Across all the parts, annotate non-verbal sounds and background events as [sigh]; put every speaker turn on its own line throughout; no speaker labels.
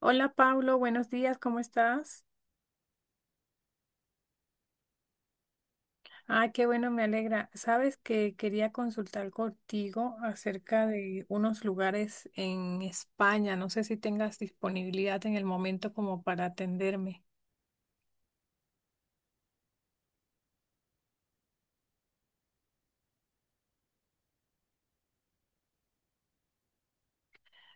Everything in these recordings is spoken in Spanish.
Hola Pablo, buenos días, ¿cómo estás? Ah, qué bueno, me alegra. Sabes que quería consultar contigo acerca de unos lugares en España. No sé si tengas disponibilidad en el momento como para atenderme.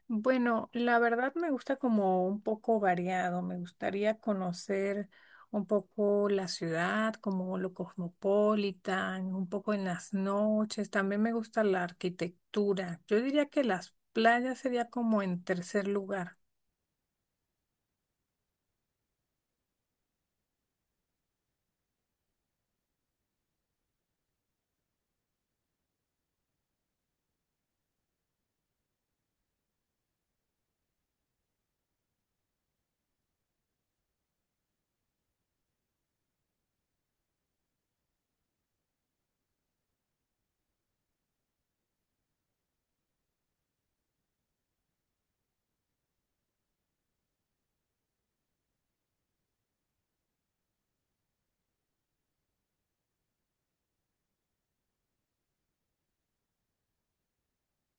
Bueno, la verdad me gusta como un poco variado, me gustaría conocer un poco la ciudad, como lo cosmopolitan, un poco en las noches, también me gusta la arquitectura. Yo diría que las playas sería como en tercer lugar.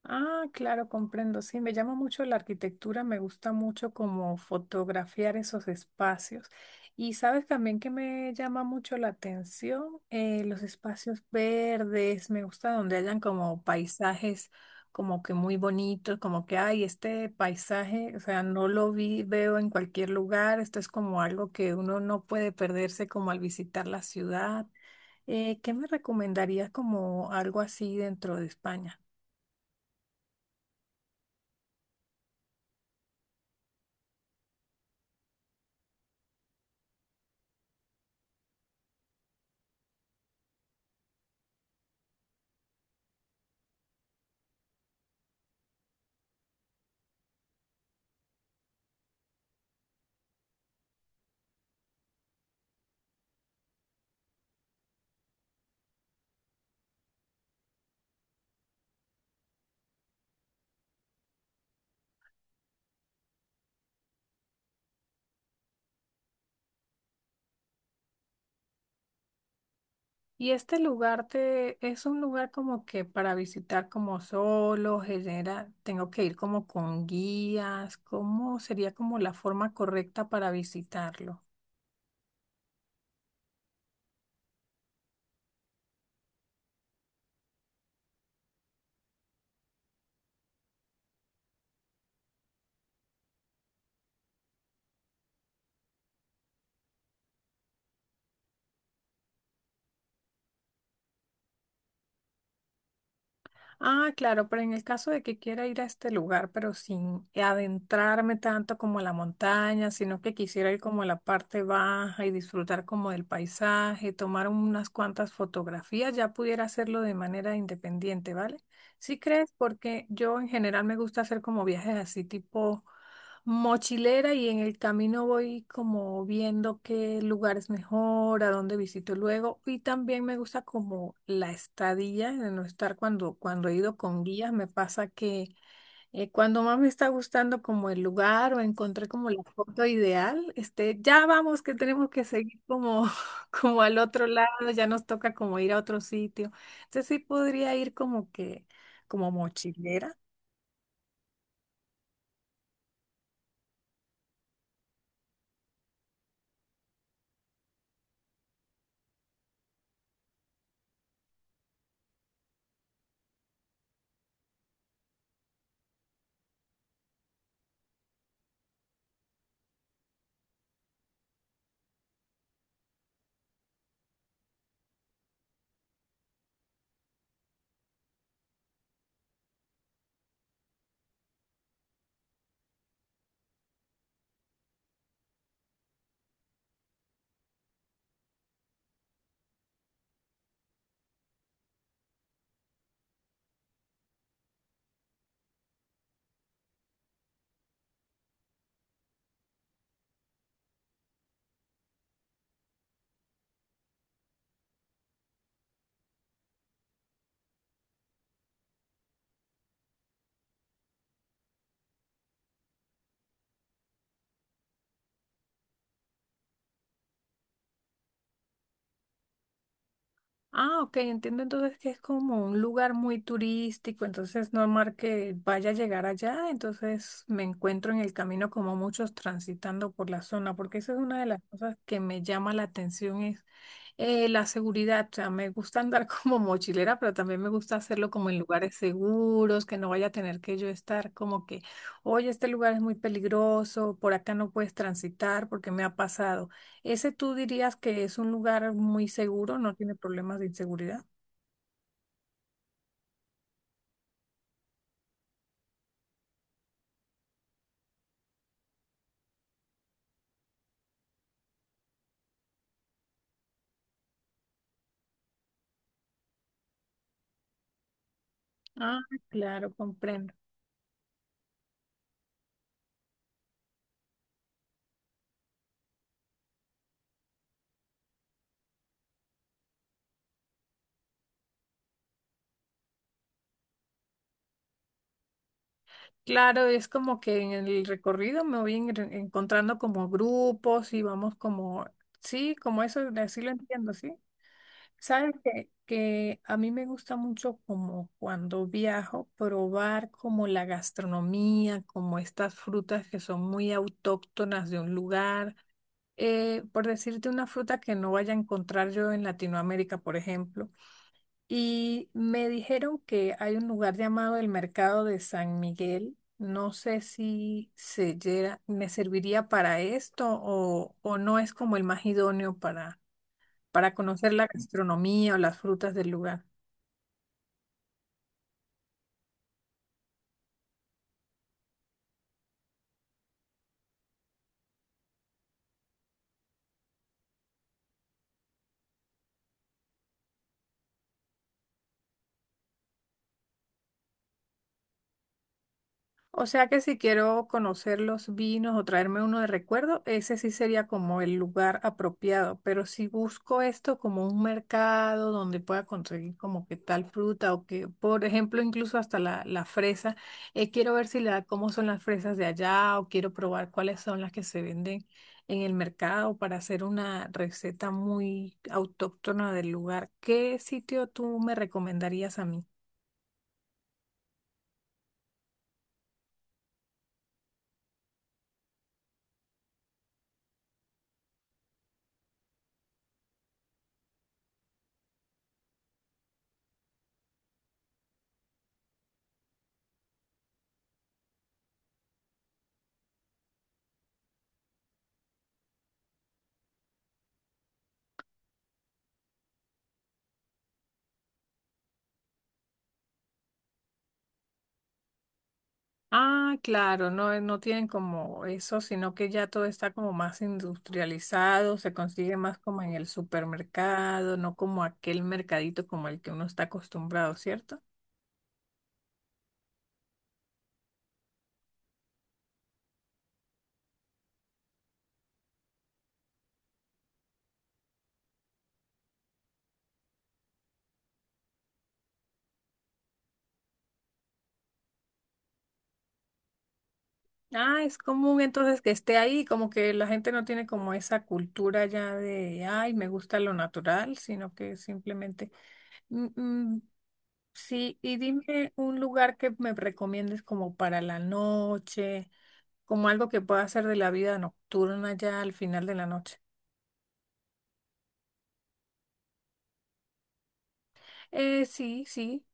Ah, claro, comprendo. Sí, me llama mucho la arquitectura, me gusta mucho como fotografiar esos espacios. Y sabes también que me llama mucho la atención. Los espacios verdes, me gusta donde hayan como paisajes como que muy bonitos, como que, ay, este paisaje, o sea, no lo vi, veo en cualquier lugar, esto es como algo que uno no puede perderse como al visitar la ciudad. ¿Qué me recomendarías como algo así dentro de España? Y este lugar te, es un lugar como que para visitar como solo, genera, tengo que ir como con guías, ¿cómo sería como la forma correcta para visitarlo? Ah, claro, pero en el caso de que quiera ir a este lugar, pero sin adentrarme tanto como a la montaña, sino que quisiera ir como a la parte baja y disfrutar como del paisaje, tomar unas cuantas fotografías, ya pudiera hacerlo de manera independiente, ¿vale? ¿Sí crees? Porque yo en general me gusta hacer como viajes así tipo mochilera y en el camino voy como viendo qué lugar es mejor, a dónde visito luego y también me gusta como la estadía, de no estar cuando, cuando he ido con guías, me pasa que cuando más me está gustando como el lugar o encontré como la foto ideal, este, ya vamos que tenemos que seguir como, [laughs] como al otro lado, ya nos toca como ir a otro sitio. Entonces sí podría ir como que, como mochilera. Ah, ok, entiendo entonces que es como un lugar muy turístico, entonces no es normal que vaya a llegar allá, entonces me encuentro en el camino como muchos transitando por la zona, porque esa es una de las cosas que me llama la atención, es la seguridad, o sea, me gusta andar [laughs] como mochilera, pero también me gusta hacerlo como en lugares seguros, que no vaya a tener que yo estar como que, oye, este lugar es muy peligroso, por acá no puedes transitar porque me ha pasado. ¿Ese tú dirías que es un lugar muy seguro, no tiene problemas de inseguridad? Ah, claro, comprendo. Claro, es como que en el recorrido me voy encontrando como grupos y vamos como, sí, como eso, así lo entiendo, ¿sí? Sabes que a mí me gusta mucho como cuando viajo probar como la gastronomía, como estas frutas que son muy autóctonas de un lugar. Por decirte una fruta que no vaya a encontrar yo en Latinoamérica, por ejemplo. Y me dijeron que hay un lugar llamado el Mercado de San Miguel. No sé si me serviría para esto o no es como el más idóneo para conocer la gastronomía o las frutas del lugar. O sea que si quiero conocer los vinos o traerme uno de recuerdo, ese sí sería como el lugar apropiado. Pero si busco esto como un mercado donde pueda conseguir como que tal fruta o que, por ejemplo, incluso hasta la fresa, quiero ver si la, cómo son las fresas de allá o quiero probar cuáles son las que se venden en el mercado para hacer una receta muy autóctona del lugar. ¿Qué sitio tú me recomendarías a mí? Ah, claro, no, no tienen como eso, sino que ya todo está como más industrializado, se consigue más como en el supermercado, no como aquel mercadito como el que uno está acostumbrado, ¿cierto? Ah, es común entonces que esté ahí, como que la gente no tiene como esa cultura ya de, ay, me gusta lo natural, sino que simplemente, "Mm, mm, sí, y dime un lugar que me recomiendes como para la noche, como algo que pueda hacer de la vida nocturna ya al final de la noche. Sí, sí.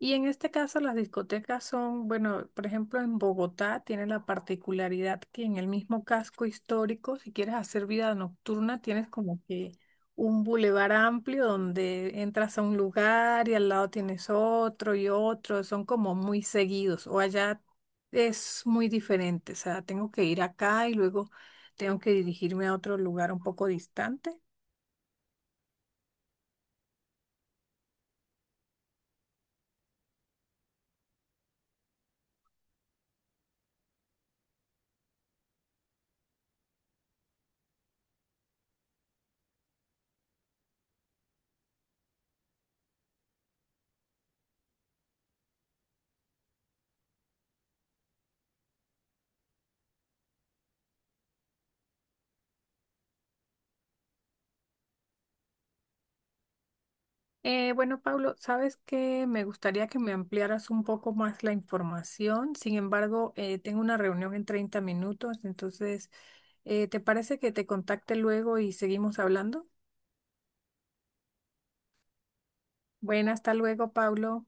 Y en este caso las discotecas son, bueno, por ejemplo, en Bogotá tiene la particularidad que en el mismo casco histórico, si quieres hacer vida nocturna, tienes como que un bulevar amplio donde entras a un lugar y al lado tienes otro y otro, son como muy seguidos. O allá es muy diferente, o sea, tengo que ir acá y luego tengo que dirigirme a otro lugar un poco distante. Bueno, Pablo, sabes que me gustaría que me ampliaras un poco más la información. Sin embargo, tengo una reunión en 30 minutos, entonces, ¿te parece que te contacte luego y seguimos hablando? Bueno, hasta luego, Pablo.